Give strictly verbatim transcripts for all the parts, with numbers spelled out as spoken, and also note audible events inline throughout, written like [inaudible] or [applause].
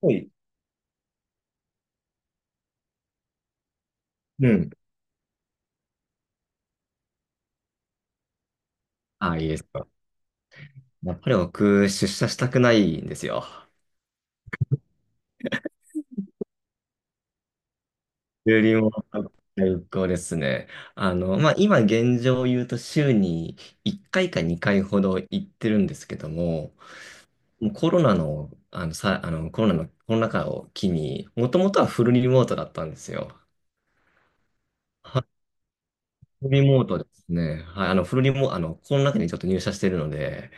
はい。うん。ああ、いいですか。やっぱり僕、出社したくないんですよ。よりも最高ですね。あの、まあ、今現状を言うと週にいっかいかにかいほど行ってるんですけども、もうコロナの、あの、さ、あの、コロナの、コロナ禍を機に、もともとはフルリモートだったんですよ。はい。フルリモートですね。はい、あの、フルリモート、あの、コロナ禍にちょっと入社してるので、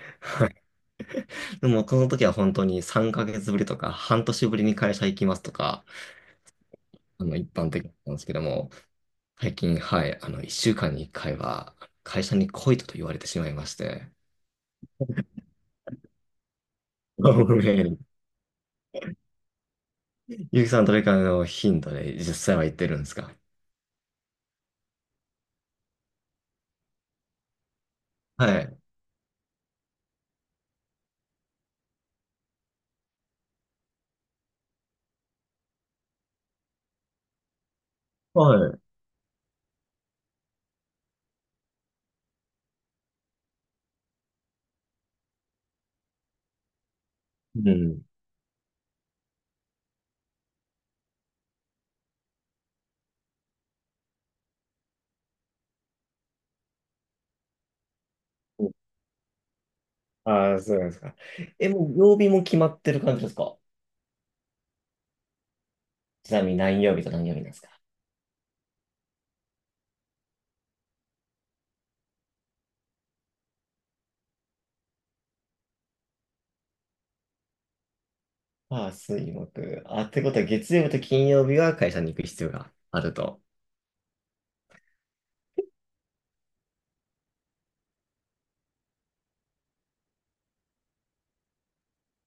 でも、この時は本当にさんかげつぶりとか、半年ぶりに会社行きますとか、あの、一般的なんですけども、最近、はい、あの、一週間に一回は、会社に来いとと言われてしまいまして、[laughs] ごめん。ゆきさん、どれかの頻度で実際は行ってるんですか？はい。はい。うん。ああ、そうなんですか。え、もう曜日も決まってる感じですか？ちなみに何曜日と何曜日なんですか？ああ、水木。あ、ってことは月曜日と金曜日は会社に行く必要があると。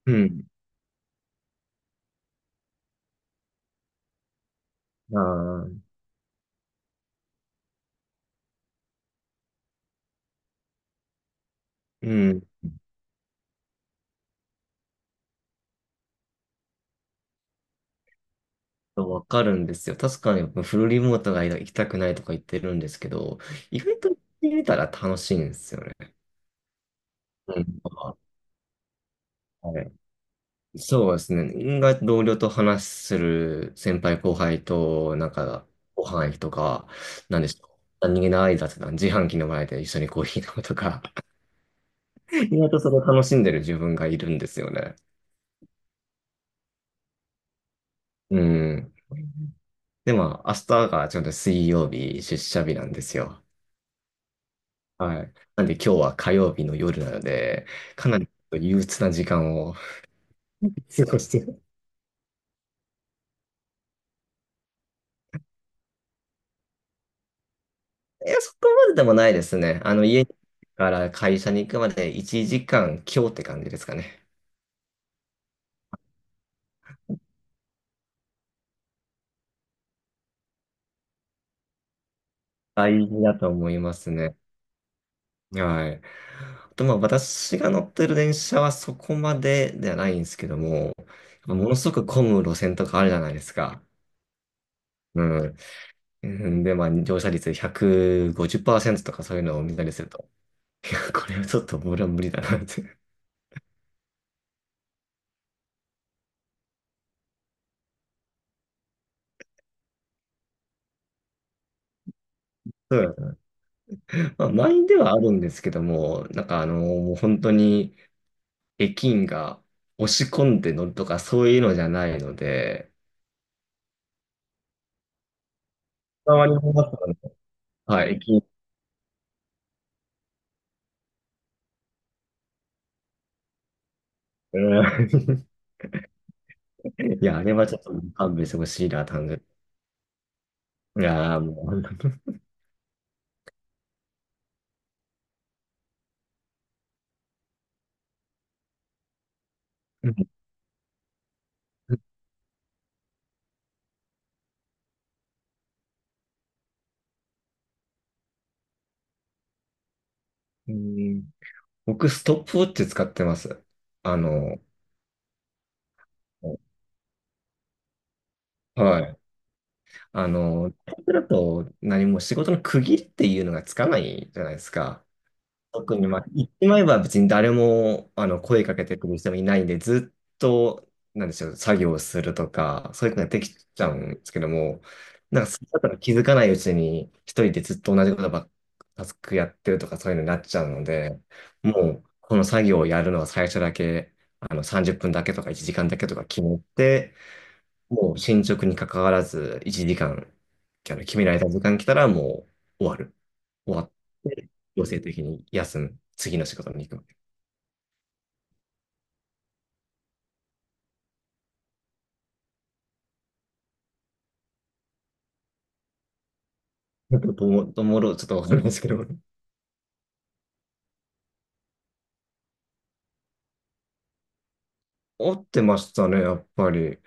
うん。ああ。うん。わかるんですよ。確かにフルリモートが行きたくないとか言ってるんですけど、意外と行ってみたら楽しいんですよね。うん。はい。そうですね。意同僚と話する先輩後輩と、なんか、ご飯行くとか、なんでしょう。何気ない雑談、自販機の前で一緒にコーヒー飲むとか、[laughs] 意外とそれを楽しんでる自分がいるんですよね。うん。で、まあ、明日がちょうど水曜日、出社日なんですよ。はい。なんで今日は火曜日の夜なので、かなり憂鬱な時間を [laughs] 過ごしてる。いや、そこまででもないですね。あの、家から会社に行くまでいちじかん強って感じですかね。大事だと思いますね。はい。あと、まあ、私が乗ってる電車はそこまでではないんですけども、ものすごく混む路線とかあるじゃないですか。うん。うんで、まあ、乗車率ひゃくごじゅっパーセントとかそういうのを見たりすると、いや、これはちょっと俺は無理だなって。うん。まあ、満員ではあるんですけども、なんかあの、もう本当に駅員が押し込んで乗るとかそういうのじゃないので、わります。はい、駅員、うん。 [laughs] いや、あれはちょっと勘弁してほしいな、単純に。いやー、もう、うん、僕、ストップウォッチ使ってます。あの、はい。あの、タイプだと何も仕事の区切りっていうのがつかないじゃないですか。特に、まあ、言ってまえば別に誰もあの声かけてくる人もいないんで、ずっと、なんでしょう、作業するとか、そういうことができちゃうんですけども、なんか、それだったら気づかないうちに、一人でずっと同じことばっか、タスクやってるとか、そういうのになっちゃうので、もう、この作業をやるのは最初だけ、あの、さんじゅっぷんだけとかいちじかんだけとか決めて、もう進捗に関わらず、いちじかん、あの決められた時間来たらもう終わる。終わ強制的に休む。次の仕事に行くわけ。どう、ともろちょっとわかるんないですけど。[laughs] 合ってましたね、やっぱり。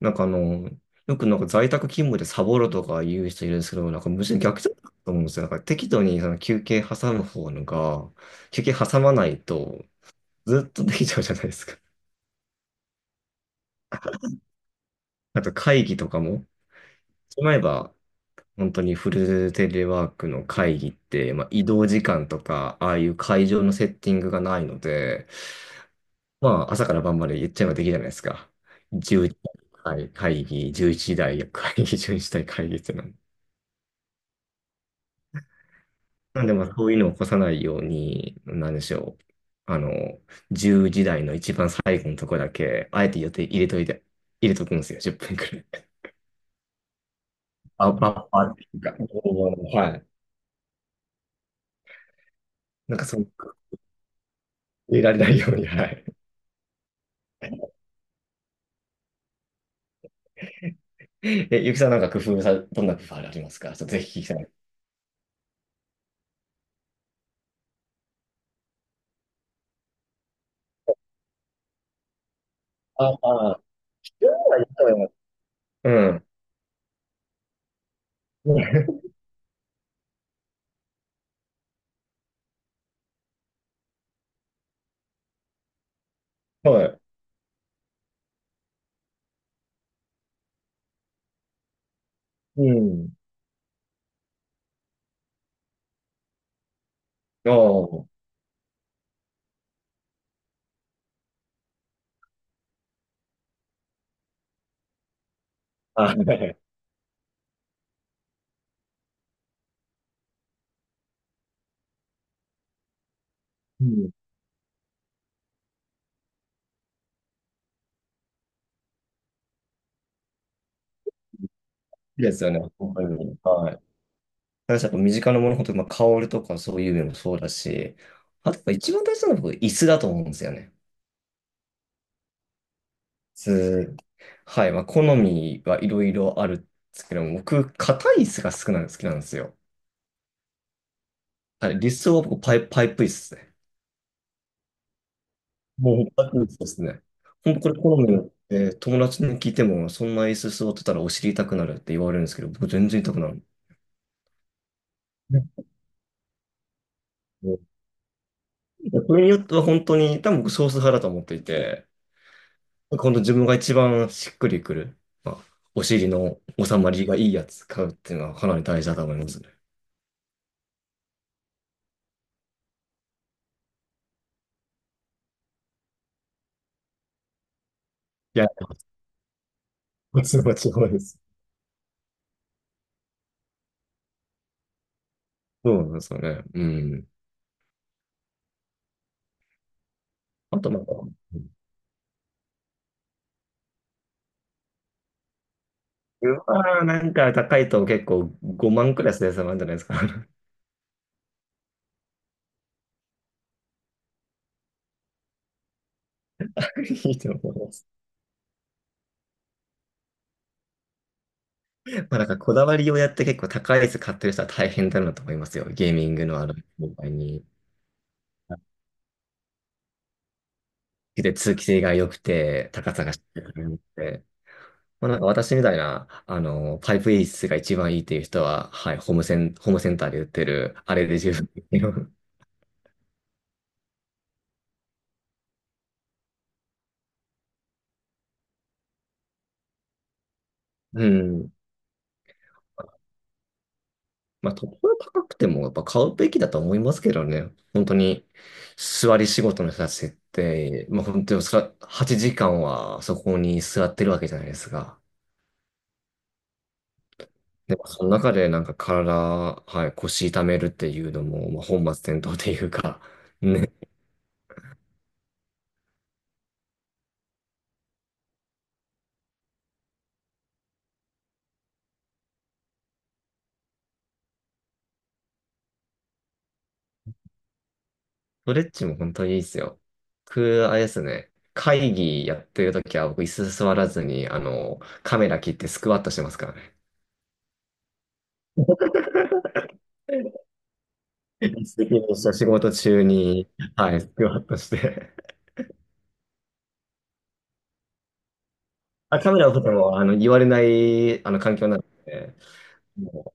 なんかあの、よくなんか在宅勤務でサボるとか言う人いるんですけど、なんかむしろ逆だと思うんですよ。なんか適度にその休憩挟む方のが、休憩挟まないとずっとできちゃうじゃないですか。あと会議とかも、しまえば、本当にフルテレワークの会議って、まあ、移動時間とか、ああいう会場のセッティングがないので、まあ、朝から晩まで言っちゃえばできるじゃないですか。じゅうじ会会議、11時台会議、じゅういちじ台会議っていうの。なんで、まあ、そういうのを起こさないように、なんでしょう。あの、じゅうじ台の一番最後のところだけ、あえて予定入れといて、入れとくんですよ、じゅっぷんくらい。あ、バッファーっていうか、はい。なんか、その、入れられないように、はい。え、ゆきさんなんか工夫さ、どんな工夫ありますか？ちょっとぜひ聞きたい。ああ、夜はいろいと思います。うん。[laughs] はい。うん。おー、はい。[laughs] うん。好きですよね、本当に。はい。私、やっぱ身近なもの、本当に、まあ、香りとかそういうのもそうだし、あと、やっぱ一番大事なのは僕、椅子だと思うんですよね。椅子。はい。まあ、好みはいろいろあるんですけども、僕、硬い椅子が好きなん好きなんですよ。はい。理想は僕、パイ、パイプ椅子ですね。もう、パイプ椅子ですね。本当これ好みによって、友達に聞いても、そんな椅子座ってたらお尻痛くなるって言われるんですけど、僕、全然痛くなる。ね、それによっては本当に、多分僕少数派だと思っていて、本当自分が一番しっくりくる、まあ、お尻の収まりがいいやつ買うっていうのはかなり大事だと思いますね。いや、それは違いです。そうなんですよね。うん。あとなんか、うわーなんか高いと結構ごまんくらいするやつもあるんじゃないですか。[laughs] いいと思います。まあなんかこだわりをやって結構高いやつ買ってる人は大変だなと思いますよ。ゲーミングのある業界に。で、通気性が良くて、高さがしっかりあって。まあ、なんか私みたいな、あの、パイプ演出が一番いいっていう人は、はい、ホームセン、ホームセンターで売ってる、あれで十分。[laughs] うん。まあ、ところ高くても、やっぱ買うべきだと思いますけどね。本当に、座り仕事の人たちって、まあ、本当にそらはちじかんはそこに座ってるわけじゃないですか。でも、その中でなんか体、はい、腰痛めるっていうのも、まあ、本末転倒っていうか、[laughs] ね。ストレッチも本当にいいですよ。僕、あれですね、会議やってるときは僕椅子座らずに、あの、カメラ切ってスクワットしてますからね。一石二鳥仕事中に、はい、スクワットして。あ、カメラを撮っても、あの、言われない、あの、環境なので、も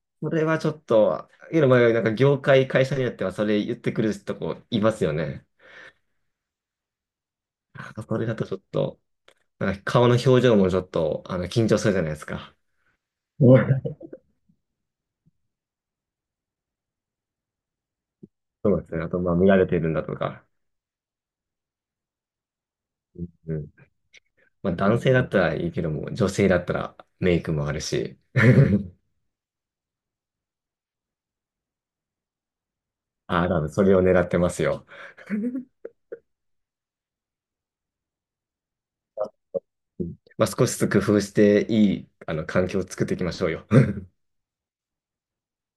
う、それはちょっと、いや、まなんか業界、会社によってはそれ言ってくるとこいますよね。あ、それだとちょっと、なんか顔の表情もちょっと、あの、緊張するじゃないですか。うん。そうですね。あと、まあ、見られてるんだとか。うん。まあ男性だったらいいけども、女性だったらメイクもあるし。[laughs] ああ、多分それを狙ってますよ。うん。まあ少しずつ工夫していい、あの、環境を作っていきましょうよ。